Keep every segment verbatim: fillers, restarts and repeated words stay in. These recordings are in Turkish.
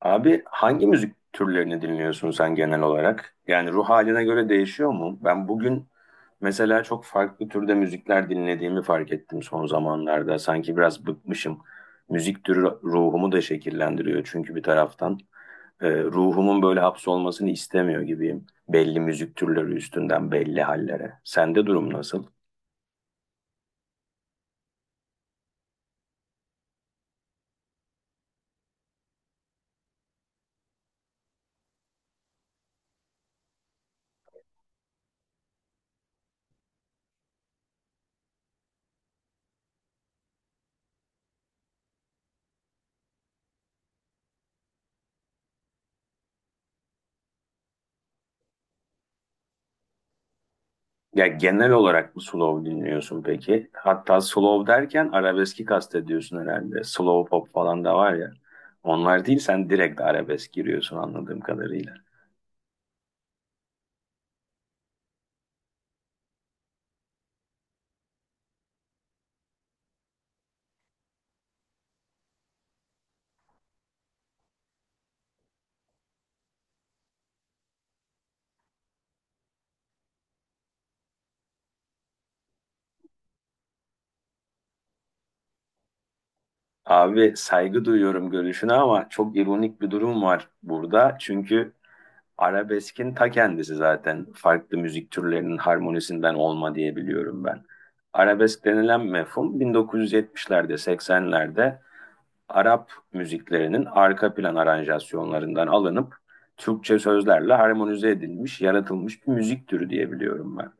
Abi hangi müzik türlerini dinliyorsun sen genel olarak? Yani ruh haline göre değişiyor mu? Ben bugün mesela çok farklı türde müzikler dinlediğimi fark ettim son zamanlarda. Sanki biraz bıkmışım. Müzik türü ruhumu da şekillendiriyor çünkü bir taraftan. Ee, ruhumun böyle hapsolmasını istemiyor gibiyim. Belli müzik türleri üstünden belli hallere. Sende durum nasıl? Ya genel olarak mı slow dinliyorsun peki? Hatta slow derken arabeski kastediyorsun herhalde. Slow pop falan da var ya. Onlar değil sen direkt arabesk giriyorsun anladığım kadarıyla. Abi saygı duyuyorum görüşüne ama çok ironik bir durum var burada. Çünkü arabeskin ta kendisi zaten farklı müzik türlerinin harmonisinden olma diye biliyorum ben. Arabesk denilen mefhum bin dokuz yüz yetmişlerde, seksenlerde Arap müziklerinin arka plan aranjasyonlarından alınıp Türkçe sözlerle harmonize edilmiş, yaratılmış bir müzik türü diyebiliyorum ben.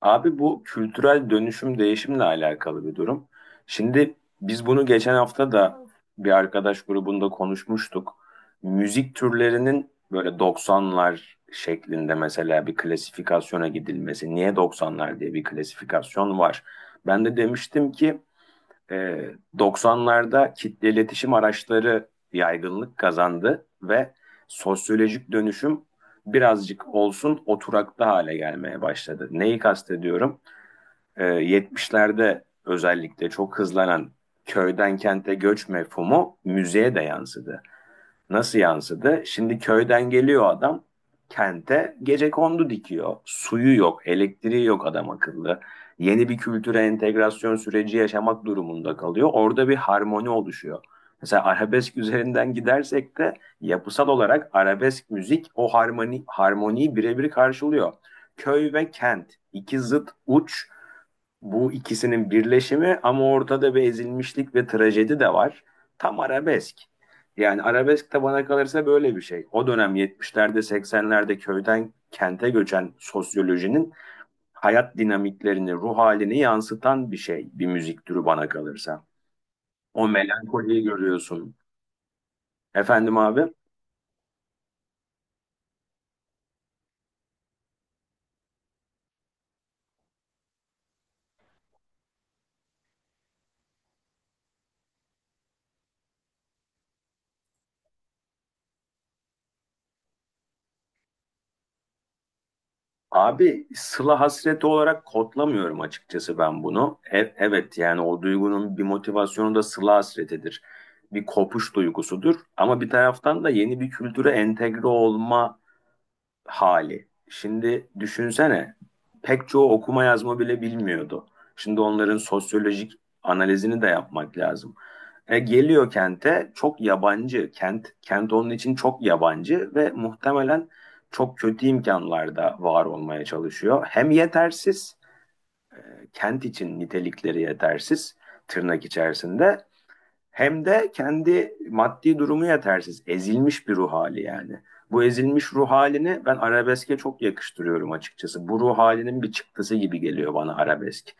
Abi bu kültürel dönüşüm değişimle alakalı bir durum. Şimdi biz bunu geçen hafta da bir arkadaş grubunda konuşmuştuk. Müzik türlerinin böyle doksanlar şeklinde mesela bir klasifikasyona gidilmesi. Niye doksanlar diye bir klasifikasyon var? Ben de demiştim ki Ee, doksanlarda kitle iletişim araçları yaygınlık kazandı ve sosyolojik dönüşüm birazcık olsun oturaklı hale gelmeye başladı. Neyi kastediyorum? Ee, yetmişlerde özellikle çok hızlanan köyden kente göç mefhumu müziğe de yansıdı. Nasıl yansıdı? Şimdi köyden geliyor adam kente gecekondu dikiyor. Suyu yok, elektriği yok adam akıllı. Yeni bir kültüre entegrasyon süreci yaşamak durumunda kalıyor. Orada bir harmoni oluşuyor. Mesela arabesk üzerinden gidersek de yapısal olarak arabesk müzik o harmoni harmoniyi birebir karşılıyor. Köy ve kent iki zıt uç, bu ikisinin birleşimi ama ortada bir ezilmişlik ve trajedi de var. Tam arabesk. Yani arabesk de bana kalırsa böyle bir şey. O dönem yetmişlerde seksenlerde köyden kente göçen sosyolojinin hayat dinamiklerini, ruh halini yansıtan bir şey, bir müzik türü bana kalırsa. O melankoliyi görüyorsun. Efendim abi? Abi sıla hasreti olarak kodlamıyorum açıkçası ben bunu. E- evet, yani o duygunun bir motivasyonu da sıla hasretidir. Bir kopuş duygusudur ama bir taraftan da yeni bir kültüre entegre olma hali. Şimdi düşünsene pek çoğu okuma yazma bile bilmiyordu. Şimdi onların sosyolojik analizini de yapmak lazım. E, geliyor kente çok yabancı. Kent kent onun için çok yabancı ve muhtemelen çok kötü imkanlarda var olmaya çalışıyor. Hem yetersiz, kent için nitelikleri yetersiz tırnak içerisinde, hem de kendi maddi durumu yetersiz, ezilmiş bir ruh hali yani. Bu ezilmiş ruh halini ben arabeske çok yakıştırıyorum açıkçası. Bu ruh halinin bir çıktısı gibi geliyor bana arabesk.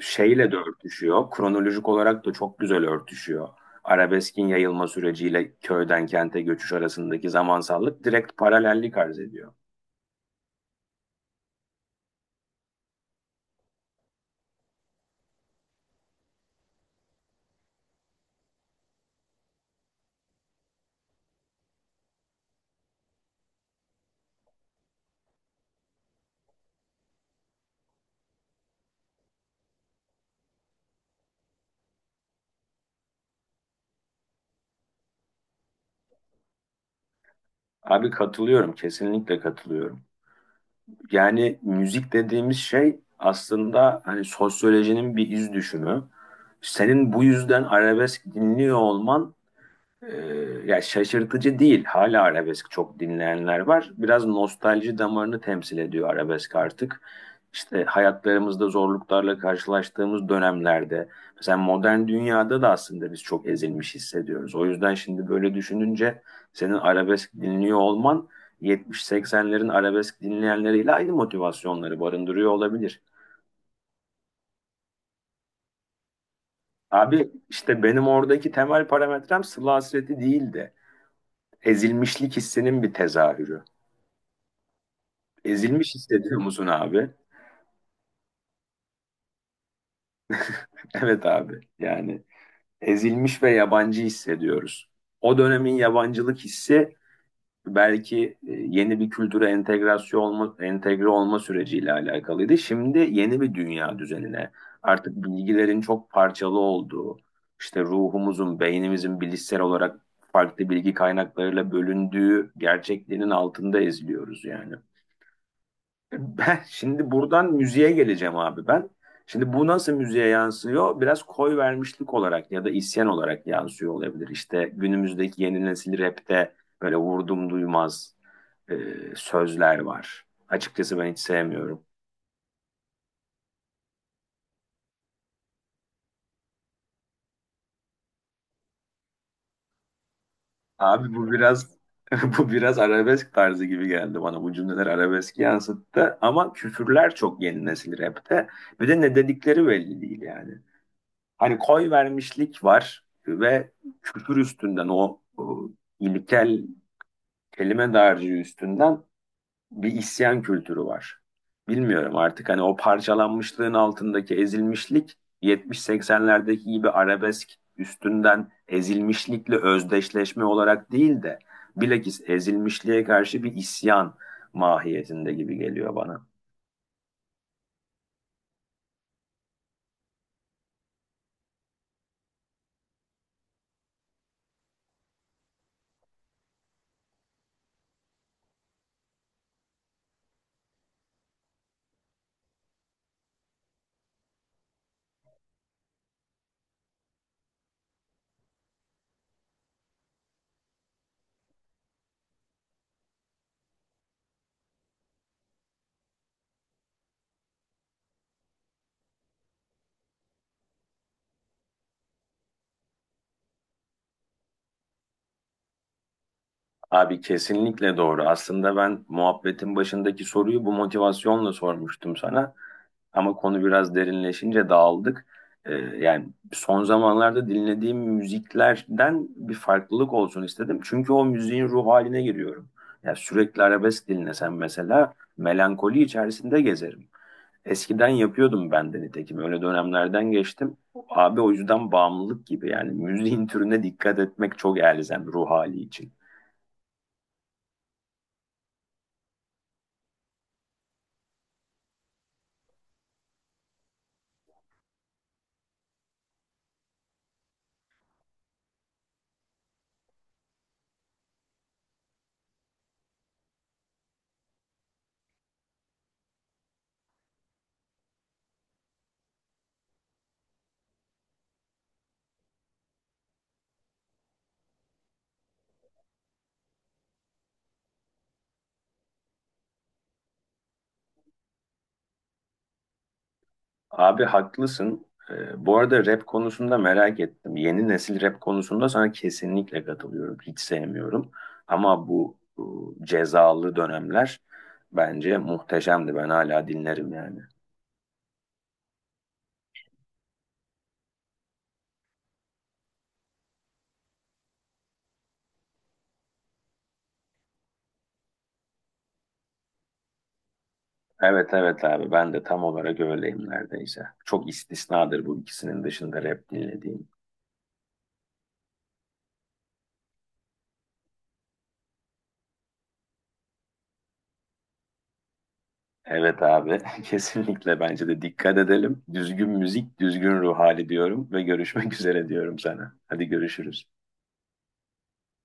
Şeyle de örtüşüyor, kronolojik olarak da çok güzel örtüşüyor. Arabeskin yayılma süreciyle köyden kente göçüş arasındaki zamansallık direkt paralellik arz ediyor. Abi katılıyorum, kesinlikle katılıyorum. Yani müzik dediğimiz şey aslında hani sosyolojinin bir iz düşümü. Senin bu yüzden arabesk dinliyor olman ee, ya şaşırtıcı değil. Hala arabesk çok dinleyenler var. Biraz nostalji damarını temsil ediyor arabesk artık. İşte hayatlarımızda zorluklarla karşılaştığımız dönemlerde, mesela modern dünyada da aslında biz çok ezilmiş hissediyoruz. O yüzden şimdi böyle düşününce senin arabesk dinliyor olman yetmiş seksenlerin arabesk dinleyenleriyle aynı motivasyonları barındırıyor olabilir. Abi işte benim oradaki temel parametrem Sıla Hasreti değil de ezilmişlik hissinin bir tezahürü. Ezilmiş hissediyor musun abi? Evet abi. Yani ezilmiş ve yabancı hissediyoruz. O dönemin yabancılık hissi belki e, yeni bir kültüre entegrasyon olma, entegre olma süreciyle alakalıydı. Şimdi yeni bir dünya düzenine artık bilgilerin çok parçalı olduğu, işte ruhumuzun, beynimizin bilişsel olarak farklı bilgi kaynaklarıyla bölündüğü gerçekliğinin altında eziliyoruz yani. Ben şimdi buradan müziğe geleceğim abi ben. Şimdi bu nasıl müziğe yansıyor? Biraz koy vermişlik olarak ya da isyan olarak yansıyor olabilir. İşte günümüzdeki yeni nesil rapte böyle vurdum duymaz e, sözler var. Açıkçası ben hiç sevmiyorum. Abi bu biraz bu biraz arabesk tarzı gibi geldi bana. Bu cümleler arabesk yansıttı ama küfürler çok yeni nesil rapte. Bir de ne dedikleri belli değil yani. Hani koy vermişlik var ve kültür üstünden o, o ilkel kelime dağarcığı üstünden bir isyan kültürü var. Bilmiyorum artık hani o parçalanmışlığın altındaki ezilmişlik yetmiş seksenlerdeki gibi arabesk üstünden ezilmişlikle özdeşleşme olarak değil de bilakis ezilmişliğe karşı bir isyan mahiyetinde gibi geliyor bana. Abi kesinlikle doğru. Aslında ben muhabbetin başındaki soruyu bu motivasyonla sormuştum sana. Ama konu biraz derinleşince dağıldık. Ee, yani son zamanlarda dinlediğim müziklerden bir farklılık olsun istedim. Çünkü o müziğin ruh haline giriyorum. Ya sürekli arabesk dinlesem mesela melankoli içerisinde gezerim. Eskiden yapıyordum ben de nitekim. Öyle dönemlerden geçtim. Abi o yüzden bağımlılık gibi yani müziğin türüne dikkat etmek çok elzem ruh hali için. Abi haklısın. Ee, bu arada rap konusunda merak ettim. Yeni nesil rap konusunda sana kesinlikle katılıyorum. Hiç sevmiyorum. Ama bu, bu cezalı dönemler bence muhteşemdi. Ben hala dinlerim yani. Evet evet abi ben de tam olarak öyleyim neredeyse. Çok istisnadır bu ikisinin dışında rap dinlediğim. Evet abi kesinlikle bence de dikkat edelim. Düzgün müzik, düzgün ruh hali diyorum ve görüşmek üzere diyorum sana. Hadi görüşürüz.